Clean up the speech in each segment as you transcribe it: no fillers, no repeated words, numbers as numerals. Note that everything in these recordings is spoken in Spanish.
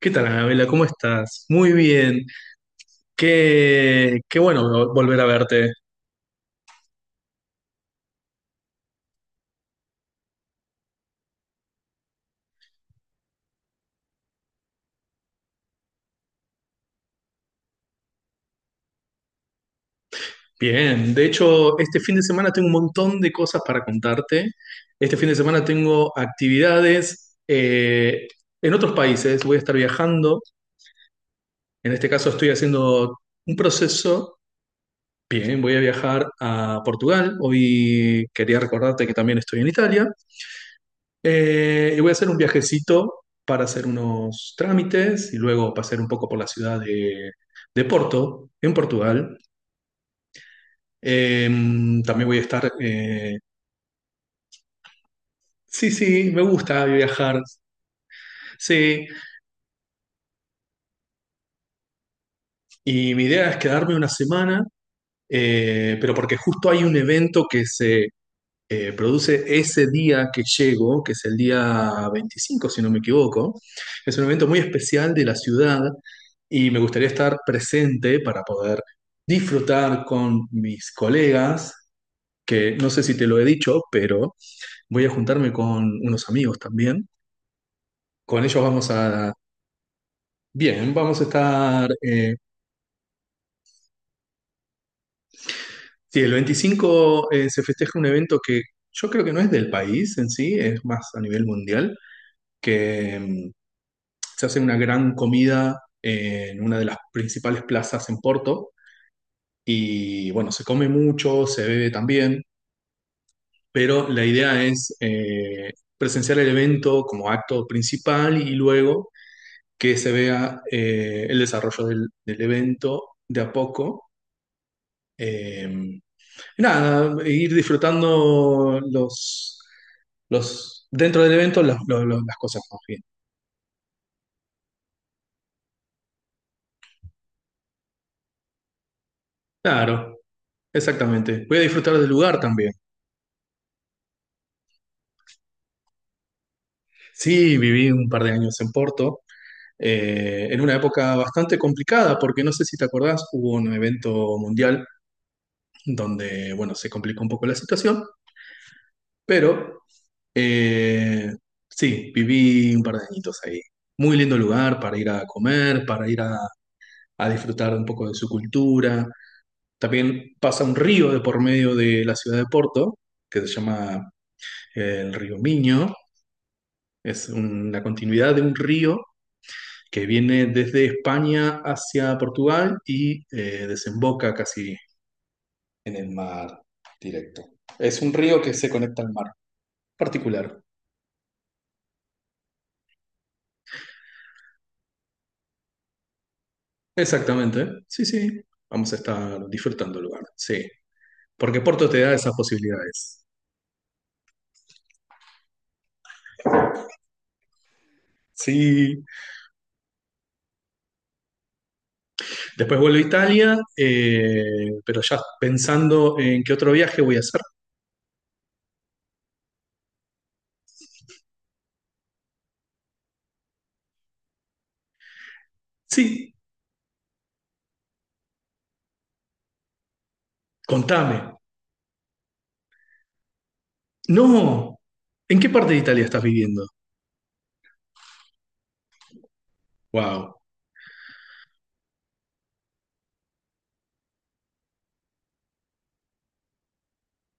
¿Qué tal, Anabela? ¿Cómo estás? Muy bien. Qué bueno volver a verte. Bien. De hecho, este fin de semana tengo un montón de cosas para contarte. Este fin de semana tengo actividades en otros países. Voy a estar viajando. En este caso estoy haciendo un proceso. Bien, voy a viajar a Portugal. Hoy quería recordarte que también estoy en Italia. Y voy a hacer un viajecito para hacer unos trámites y luego pasar un poco por la ciudad de Porto, en Portugal. Eh, También voy a estar. Sí, sí, me gusta viajar. Sí, y mi idea es quedarme una semana, pero porque justo hay un evento que se produce ese día que llego, que es el día 25 si no me equivoco. Es un evento muy especial de la ciudad y me gustaría estar presente para poder disfrutar con mis colegas, que no sé si te lo he dicho, pero voy a juntarme con unos amigos también. Con ellos vamos a... Bien, vamos a estar. Sí, el 25 se festeja un evento que yo creo que no es del país en sí, es más a nivel mundial, que se hace una gran comida en una de las principales plazas en Porto y bueno, se come mucho, se bebe también, pero la idea es presenciar el evento como acto principal y luego que se vea el desarrollo del evento de a poco. Eh, Nada, ir disfrutando los dentro del evento las cosas más bien. Claro, exactamente. Voy a disfrutar del lugar también. Sí, viví un par de años en Porto, en una época bastante complicada, porque no sé si te acordás, hubo un evento mundial donde, bueno, se complicó un poco la situación, pero eh, sí, viví un par de añitos ahí. Muy lindo lugar para ir a comer, para a disfrutar un poco de su cultura. También pasa un río de por medio de la ciudad de Porto, que se llama el río Miño, es la continuidad de un río que viene desde España hacia Portugal y desemboca casi en el mar directo. Es un río que se conecta al mar particular. Exactamente, sí, sí. Vamos a estar disfrutando el lugar, sí. Porque Porto te da esas posibilidades. Sí, después vuelvo a Italia, pero ya pensando en qué otro viaje voy a hacer. Sí, contame. No, ¿en qué parte de Italia estás viviendo? Wow.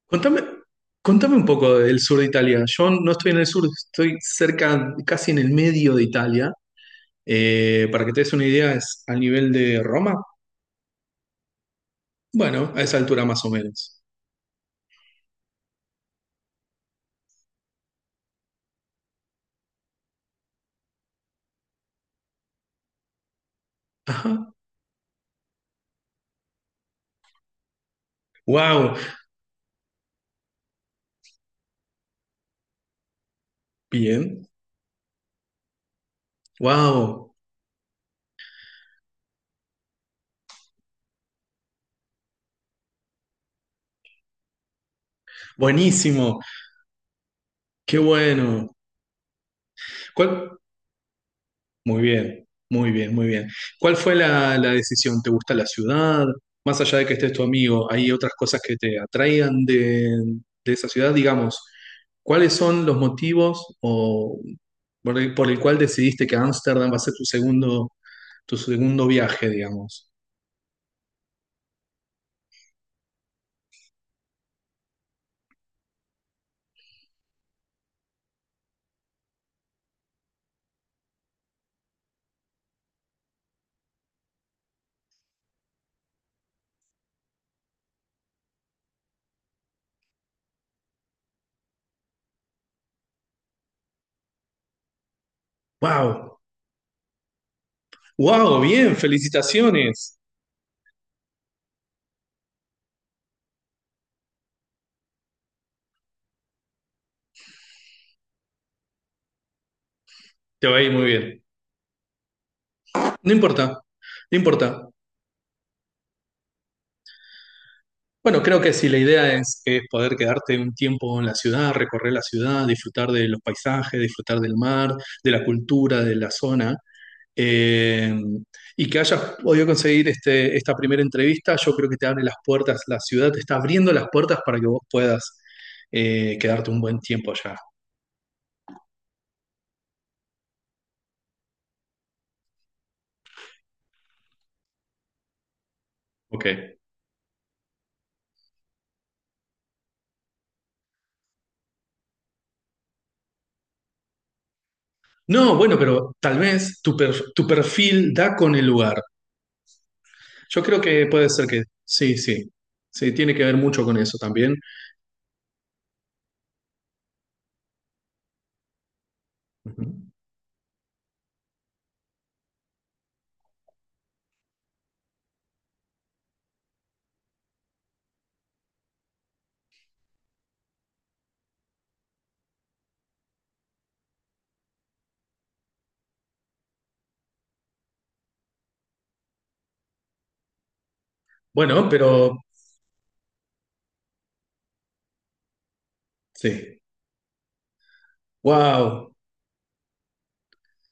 Contame, contame un poco del sur de Italia. Yo no estoy en el sur, estoy cerca, casi en el medio de Italia. Para que te des una idea, es al nivel de Roma. Bueno, a esa altura más o menos. Ajá. Wow. Bien. Wow. Buenísimo. Qué bueno. ¿Cuál? Muy bien, muy bien, muy bien. ¿Cuál fue la decisión? ¿Te gusta la ciudad? Más allá de que estés tu amigo, ¿hay otras cosas que te atraigan de esa ciudad? Digamos, ¿cuáles son los motivos o por el cual decidiste que Ámsterdam va a ser tu segundo viaje, digamos? ¡Wow! ¡Wow! Bien, felicitaciones. Te va a ir muy bien. No importa, no importa. Bueno, creo que si la idea es poder quedarte un tiempo en la ciudad, recorrer la ciudad, disfrutar de los paisajes, disfrutar del mar, de la cultura, de la zona, eh, y que hayas podido conseguir este, esta primera entrevista, yo creo que te abre las puertas, la ciudad te está abriendo las puertas para que vos puedas quedarte un buen tiempo allá. Ok. No, bueno, pero tal vez tu perfil da con el lugar. Yo creo que puede ser que sí, sí. Sí, tiene que ver mucho con eso también. Ujú. Bueno, pero sí. Wow.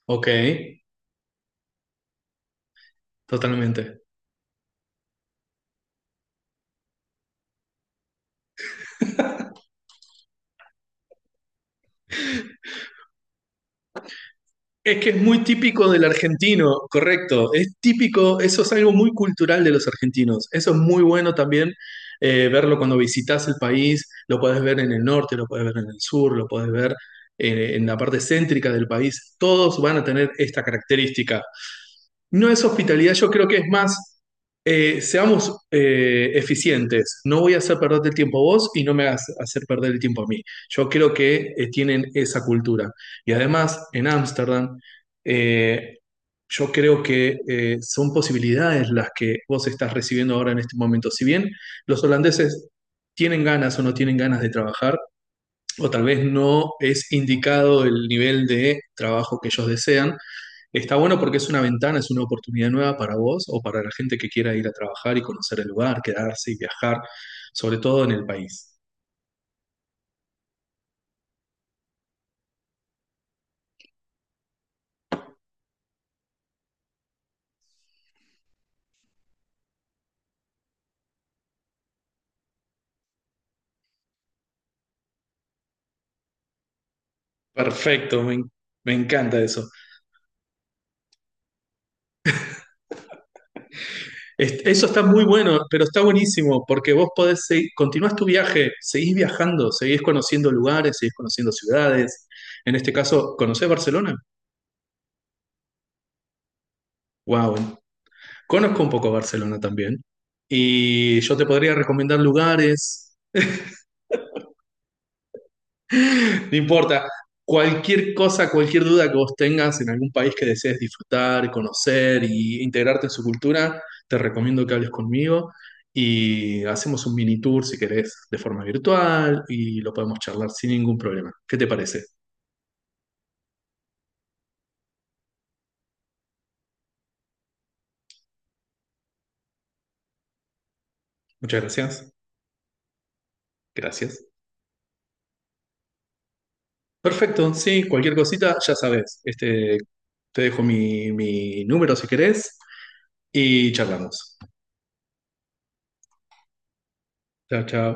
Ok. Totalmente. Es que es muy típico del argentino, correcto. Es típico, eso es algo muy cultural de los argentinos. Eso es muy bueno también verlo cuando visitas el país. Lo puedes ver en el norte, lo puedes ver en el sur, lo puedes ver en la parte céntrica del país. Todos van a tener esta característica. No es hospitalidad, yo creo que es más, seamos eficientes. No voy a hacer perderte el tiempo a vos y no me hagas hacer perder el tiempo a mí. Yo creo que tienen esa cultura. Y además, en Ámsterdam, eh, yo creo que son posibilidades las que vos estás recibiendo ahora en este momento. Si bien los holandeses tienen ganas o no tienen ganas de trabajar, o tal vez no es indicado el nivel de trabajo que ellos desean, está bueno porque es una ventana, es una oportunidad nueva para vos o para la gente que quiera ir a trabajar y conocer el lugar, quedarse y viajar, sobre todo en el país. Perfecto, me, en- me encanta eso. Eso está muy bueno, pero está buenísimo porque vos podés seguir, continuás tu viaje, seguís viajando, seguís conociendo lugares, seguís conociendo ciudades. En este caso, ¿conocés Barcelona? Wow, conozco un poco Barcelona también. Y yo te podría recomendar lugares. No importa. Cualquier cosa, cualquier duda que vos tengas en algún país que desees disfrutar, conocer y integrarte en su cultura, te recomiendo que hables conmigo y hacemos un mini tour si querés de forma virtual y lo podemos charlar sin ningún problema. ¿Qué te parece? Muchas gracias. Gracias. Perfecto, sí, cualquier cosita, ya sabes. Este, te dejo mi número si querés y charlamos. Chao, chao.